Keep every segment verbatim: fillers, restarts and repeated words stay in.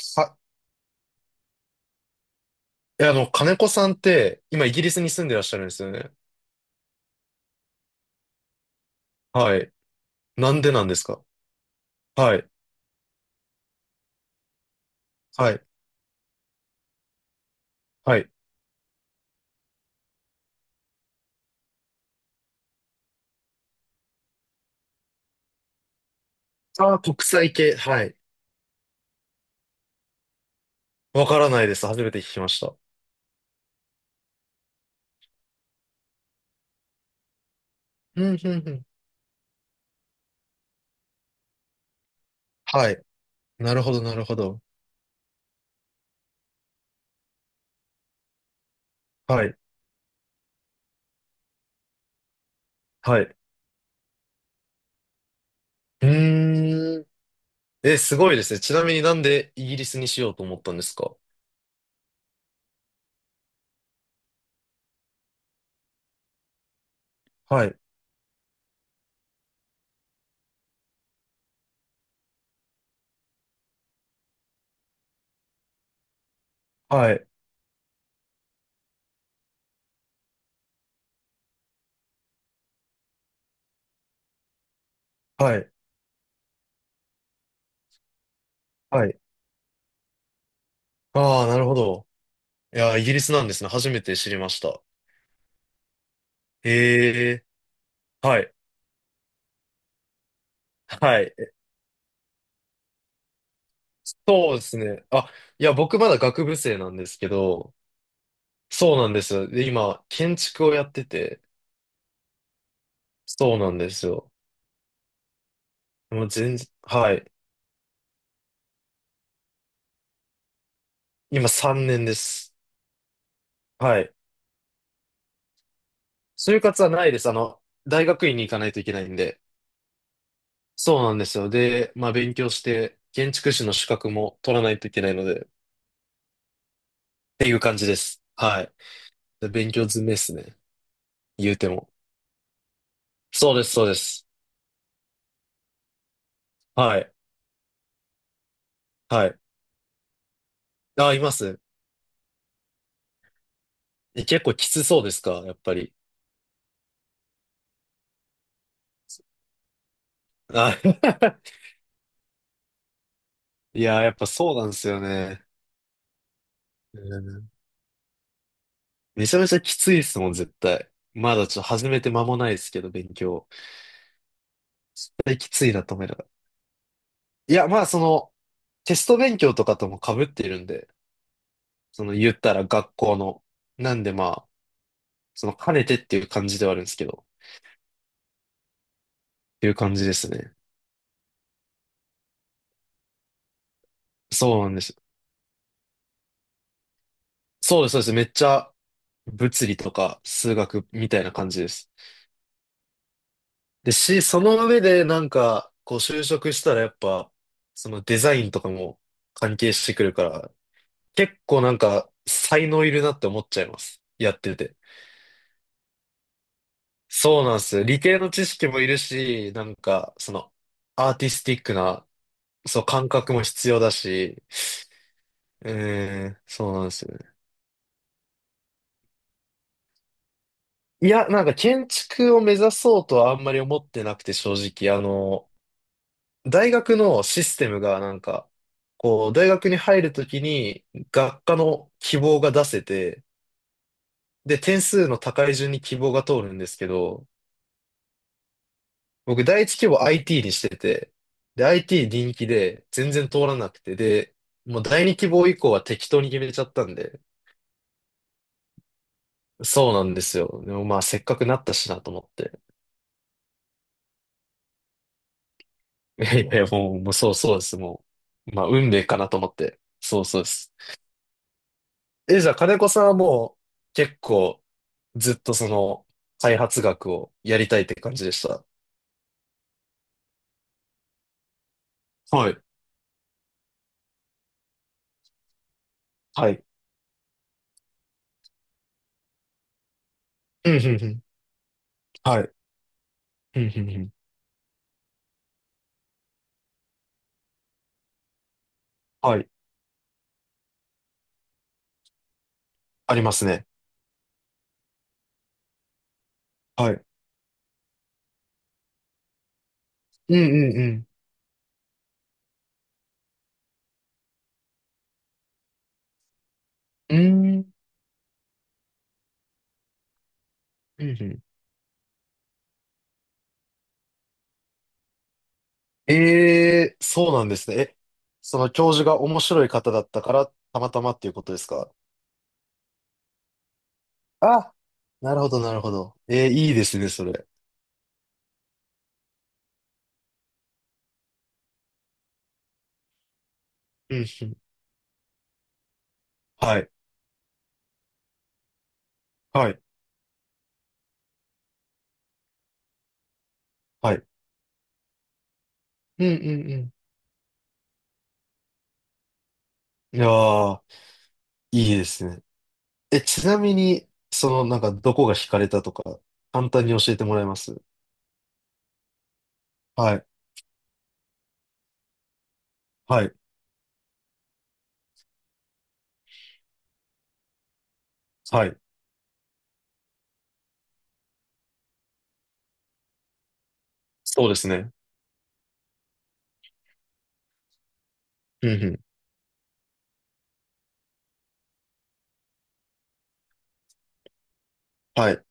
は。え、あの、金子さんって、今イギリスに住んでらっしゃるんですよね。はい。なんでなんですか？はい。はい。はい。ああ、国際系。はい。わからないです。初めて聞きました。うん、うん、うん。はい。なるほど、なるほど。はい。はい。うーん。え、すごいですね。ちなみになんでイギリスにしようと思ったんですか？はい。はい。はい。はい。ああ、なるほど。いやー、イギリスなんですね。初めて知りました。へえ。はい。はい。そうですね。あ、いや、僕まだ学部生なんですけど、そうなんですよ。で、今、建築をやってて、そうなんですよ。もう全然、はい。今さんねんです。はい。就活はないです。あの、大学院に行かないといけないんで。そうなんですよ。で、まあ勉強して、建築士の資格も取らないといけないので、っていう感じです。はい。で勉強詰めですね。言うても。そうです、そうです。はい。はい。あ、います。え、結構きつそうですか、やっぱり？あ いやー、やっぱそうなんですよね。うん。めちゃめちゃきついですもん、絶対。まだちょっと始めて間もないですけど、勉強。絶対きついなと思いながら。いや、まあその、テスト勉強とかとも被っているんで、その言ったら学校の。なんでまあ、その兼ねてっていう感じではあるんですけど、っていう感じですね。そうなんです。そうです、そうです。めっちゃ物理とか数学みたいな感じです。で、し、その上でなんか、こう就職したらやっぱ、そのデザインとかも関係してくるから、結構なんか才能いるなって思っちゃいます。やってて。そうなんですよ。理系の知識もいるし、なんか、その、アーティスティックな、そう、感覚も必要だし、うーん、そうなんですよね。いや、なんか建築を目指そうとはあんまり思ってなくて、正直、あの、大学のシステムがなんか、こう、大学に入るときに学科の希望が出せて、で、点数の高い順に希望が通るんですけど、僕第一希望 アイティー にしてて、で、アイティー 人気で全然通らなくて、で、もう第二希望以降は適当に決めちゃったんで、そうなんですよ。でもまあせっかくなったしなと思って。いやいや、もう、もうそうそうです。もう、まあ運命かなと思って。そうそうです。え、じゃあ金子さんはもう結構ずっとその開発学をやりたいって感じでした？はい。はい。うん、うん、うん。はい。うん、うん、うん。はい。ありますね。はい。うん、うん、うん。うーん。うんうん。ええ、そうなんですね。え、その教授が面白い方だったから、たまたまっていうことですか？あ、なるほど、なるほど。ええ、いいですね、それ。うんうん。はい、はい。はい。うんうんうん。いやー、いいですね。え、ちなみに、その、なんか、どこが惹かれたとか、簡単に教えてもらえます？はい、はい、はい。そうですね。うんうん。はい、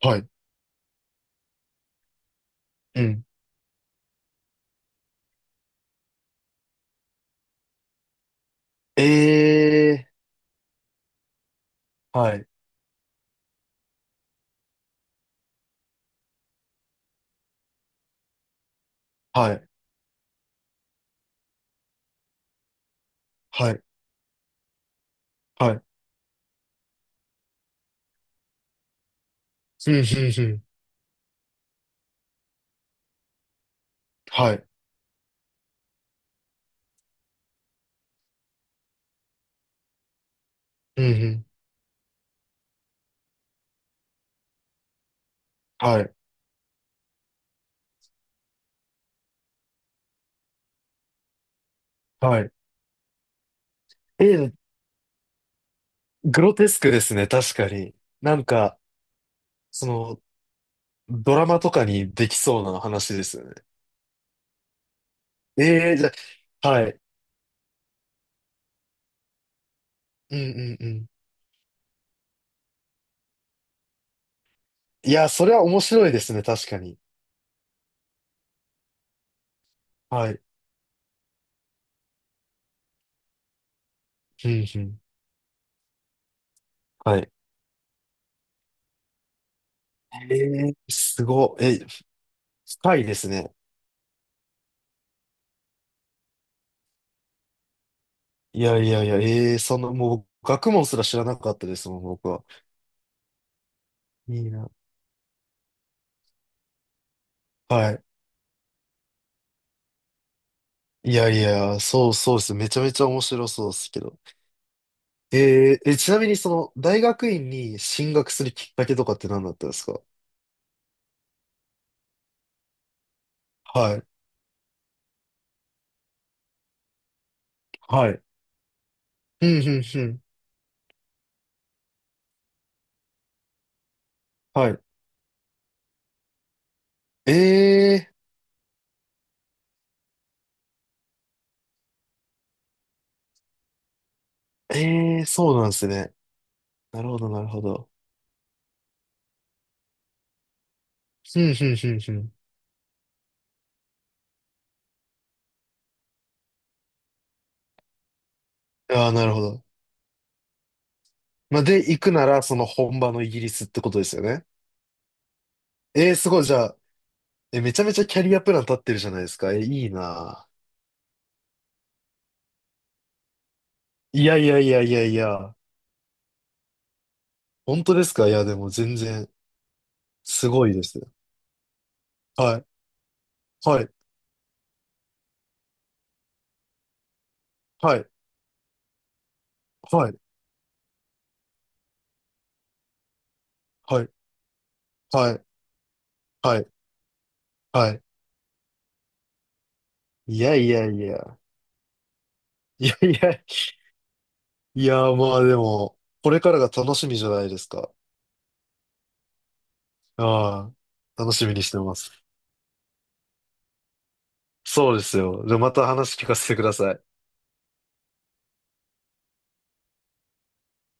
はい、うん。ええー、はい、はい、はい、はい。うんうんうん。はい、うんうん。はい、はい。えー、グロテスクですね、確かに。なんか、その、ドラマとかにできそうな話ですよね。ええー、じゃあ、はい。うんうんうん。いや、それは面白いですね、確かに。はい。うんうん。はい。ええ、すごい。え、深いですね。いやいやいや、ええ、そんな、もう、学問すら知らなかったですもん、僕は。いいな。はい。いやいや、そうそうです。めちゃめちゃ面白そうですけど。えーえ、ちなみにその、大学院に進学するきっかけとかって何だったんですか？はい。はい。うん、うん、うん。はい。えー、えー、そうなんですね。なるほど、なるほど。うん、うん、うん、うん。ああ、なるほど。まあ、で、行くなら、その本場のイギリスってことですよね。えー、すごい。じゃあ、え、めちゃめちゃキャリアプラン立ってるじゃないですか。え、いいな。いやいやいやいやいや。本当ですか？いや、でも全然、すごいです。はい、はい、はい、はい、はい、はい、はい、はい。いやいやいや。いやいや、いや、まあでも、これからが楽しみじゃないですか。ああ、楽しみにしてます。そうですよ。じゃあまた話聞かせてください。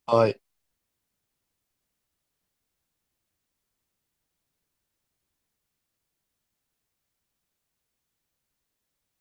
はい。